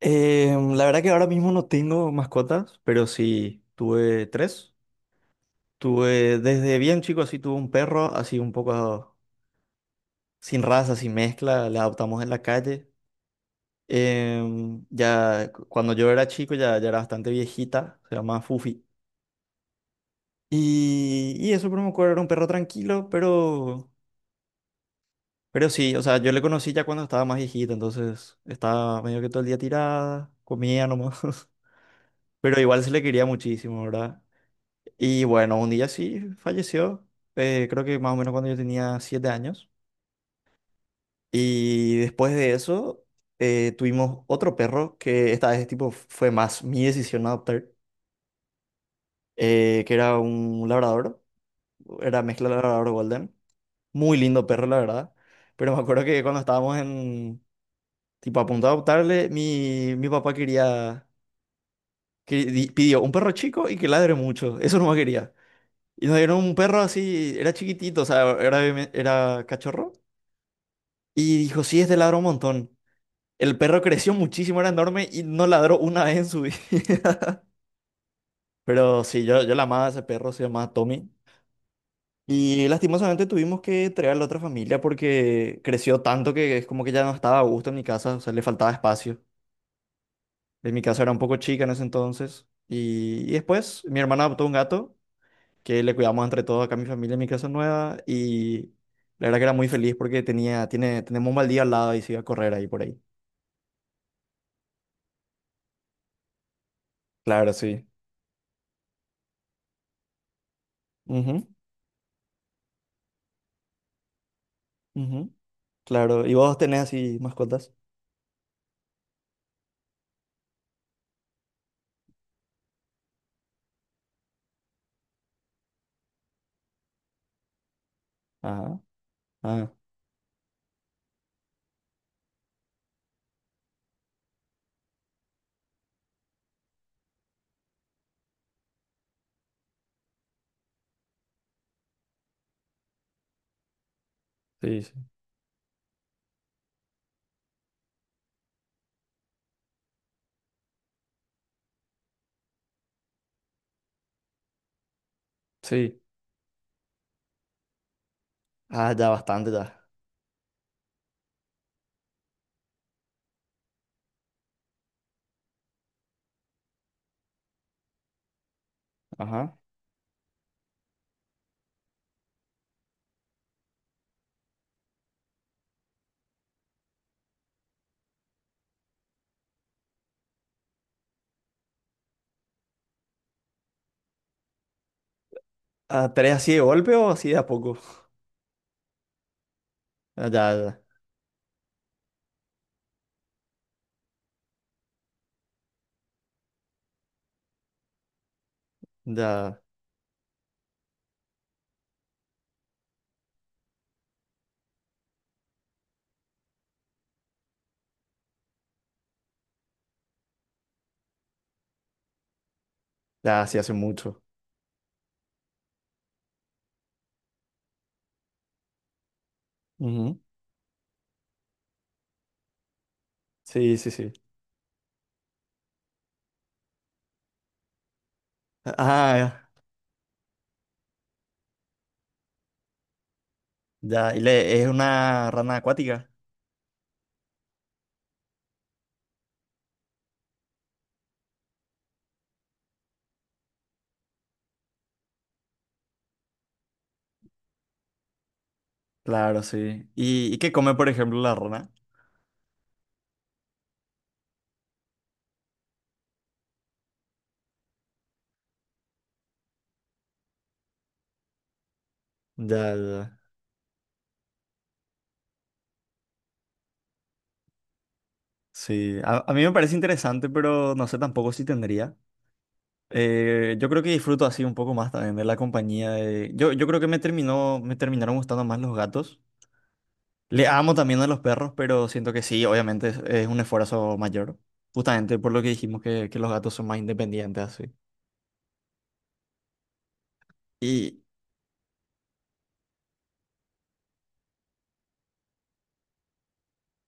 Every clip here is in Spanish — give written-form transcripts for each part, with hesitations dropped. La verdad que ahora mismo no tengo mascotas, pero sí tuve tres. Tuve desde bien chico, así tuve un perro, así un poco sin raza, sin mezcla, le adoptamos en la calle. Cuando yo era chico ya era bastante viejita, se llamaba Fufi. Y eso, pero me acuerdo, era un perro tranquilo, pero sí, o sea, yo le conocí ya cuando estaba más viejita, entonces estaba medio que todo el día tirada, comía nomás, pero igual se le quería muchísimo, ¿verdad? Y bueno, un día sí falleció, creo que más o menos cuando yo tenía 7 años. Y después de eso tuvimos otro perro que esta vez tipo fue más mi decisión adoptar, que era un labrador, era mezcla labrador golden. Muy lindo perro, la verdad. Pero me acuerdo que cuando estábamos tipo a punto de adoptarle, mi papá quería, pidió un perro chico y que ladre mucho. Eso no quería. Y nos dieron un perro así, era chiquitito, o sea, era cachorro. Y dijo, sí, este ladró un montón. El perro creció muchísimo, era enorme y no ladró una vez en su vida. Pero sí, yo la amaba a ese perro, se llamaba Tommy. Y lastimosamente tuvimos que traerle a otra familia porque creció tanto que es como que ya no estaba a gusto en mi casa, o sea, le faltaba espacio. En mi casa era un poco chica en ese entonces. Y después mi hermana adoptó un gato que le cuidamos entre todos acá a mi familia en mi casa nueva. Y la verdad que era muy feliz porque tenía, tiene, tenemos un baldío al lado y se iba a correr ahí por ahí. Claro, sí. Ujú. Ujú. Claro, ¿y vos tenés así mascotas? Ajá, ah, sí, sí. Sí. Ah, ya bastante ya. Ajá. Ah, ¿tenés así de golpe o así de a poco? Ah, ya, ya, ya, ya, sí hace mucho. Ujú. Sí, sí, sí. Ah, ya, ya. Es una rana acuática. Claro, sí. ¿Y qué come, por ejemplo, la rana? Ya, ya. Sí, a mí me parece interesante, pero no sé tampoco si tendría. Yo creo que disfruto así un poco más también de la compañía de... Yo creo que me terminó, me terminaron gustando más los gatos. Le amo también a los perros, pero siento que sí, obviamente es un esfuerzo mayor. Justamente por lo que dijimos que los gatos son más independientes así. Y...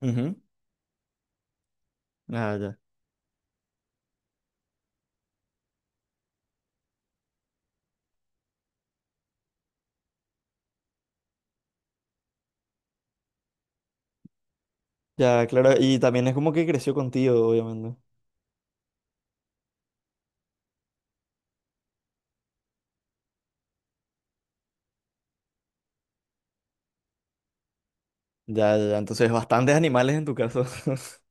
ujú, ah, ya. Ya, claro. Y también es como que creció contigo, obviamente. Ya, ya, ya. Entonces, bastantes animales en tu caso.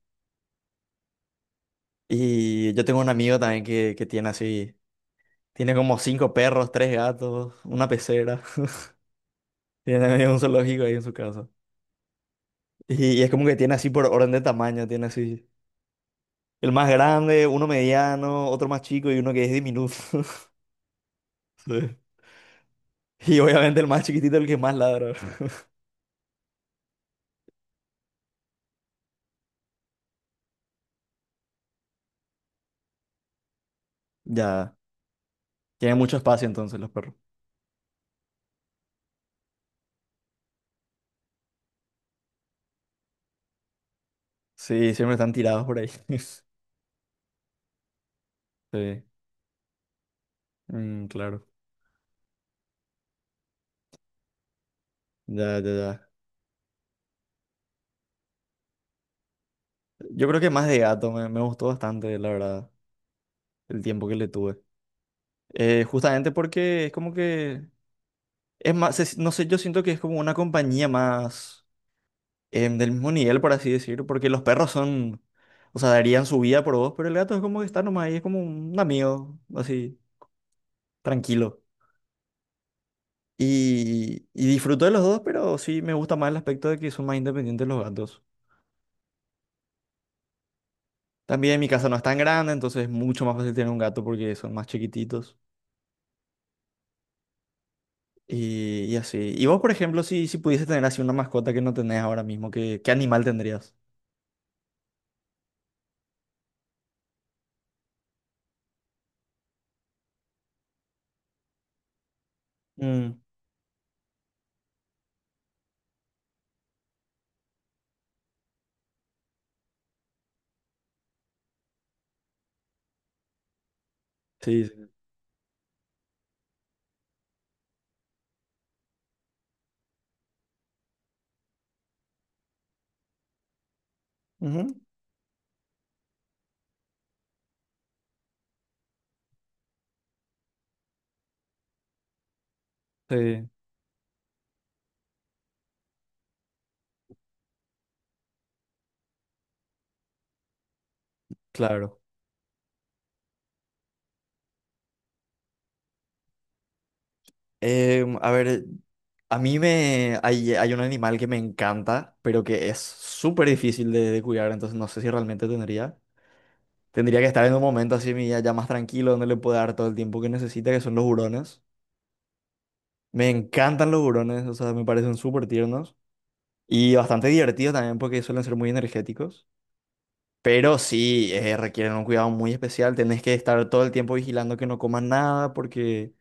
Y yo tengo un amigo también que tiene así... Tiene como cinco perros, tres gatos, una pecera. Tiene ahí un zoológico ahí en su casa. Y es como que tiene así por orden de tamaño, tiene así el más grande, uno mediano, otro más chico y uno que es diminuto. Sí. Y obviamente el más chiquitito, el que más ladra. Ya, tiene mucho espacio entonces los perros. Sí, siempre están tirados por ahí. Sí, mm, claro. Ya, ya, ya. Yo creo que más de gato, me gustó bastante, la verdad, el tiempo que le tuve. Justamente porque es como que, es más, no sé, yo siento que es como una compañía más... del mismo nivel, por así decirlo, porque los perros son, o sea, darían su vida por vos, pero el gato es como que está nomás ahí, es como un amigo, así, tranquilo. Y disfruto de los dos, pero sí me gusta más el aspecto de que son más independientes los gatos. También mi casa no es tan grande, entonces es mucho más fácil tener un gato porque son más chiquititos. Y así. Y vos, por ejemplo, si pudieses tener así una mascota que no tenés ahora mismo, ¿qué animal tendrías? Mm, sí, sí. Ujú, sí, claro. A ver, a mí hay un animal que me encanta, pero que es súper difícil de cuidar, entonces no sé si realmente tendría. Tendría que estar en un momento así mi ya más tranquilo, donde le pueda dar todo el tiempo que necesita, que son los hurones. Me encantan los hurones, o sea, me parecen súper tiernos y bastante divertidos también porque suelen ser muy energéticos. Pero sí, requieren un cuidado muy especial, tenés que estar todo el tiempo vigilando que no coman nada porque...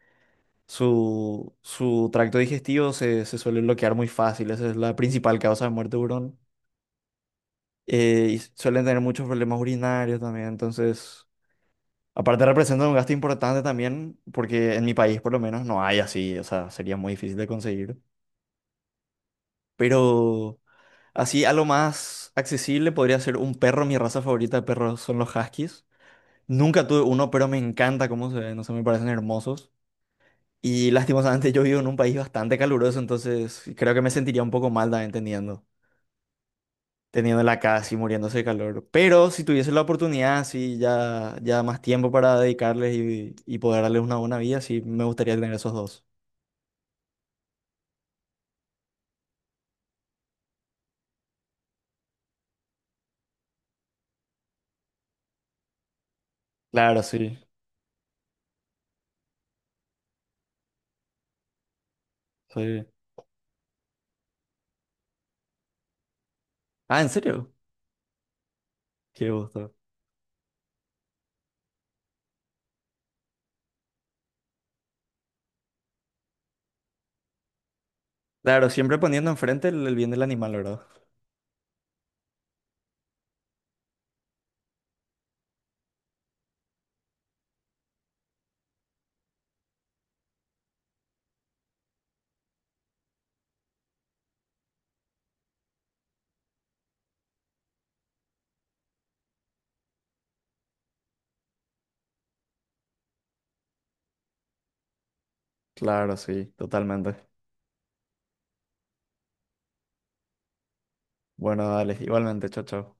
Su tracto digestivo se suele bloquear muy fácil, esa es la principal causa de muerte de hurón. Y suelen tener muchos problemas urinarios también, entonces, aparte representa un gasto importante también, porque en mi país por lo menos no hay así, o sea, sería muy difícil de conseguir. Pero así, a lo más accesible podría ser un perro, mi raza favorita de perros son los huskies. Nunca tuve uno, pero me encanta cómo se ven, no sé, me parecen hermosos. Y lastimosamente yo vivo en un país bastante caluroso, entonces creo que me sentiría un poco mal también teniendo, teniéndola acá así muriéndose de calor. Pero si tuviese la oportunidad, sí, ya más tiempo para dedicarles y poder darles una buena vida, sí, me gustaría tener esos dos. Claro, sí. Sí. Ah, ¿en serio? Qué gusto. Claro, siempre poniendo enfrente el bien del animal, ¿verdad? Claro, sí, totalmente. Bueno, dale, igualmente, chao, chao.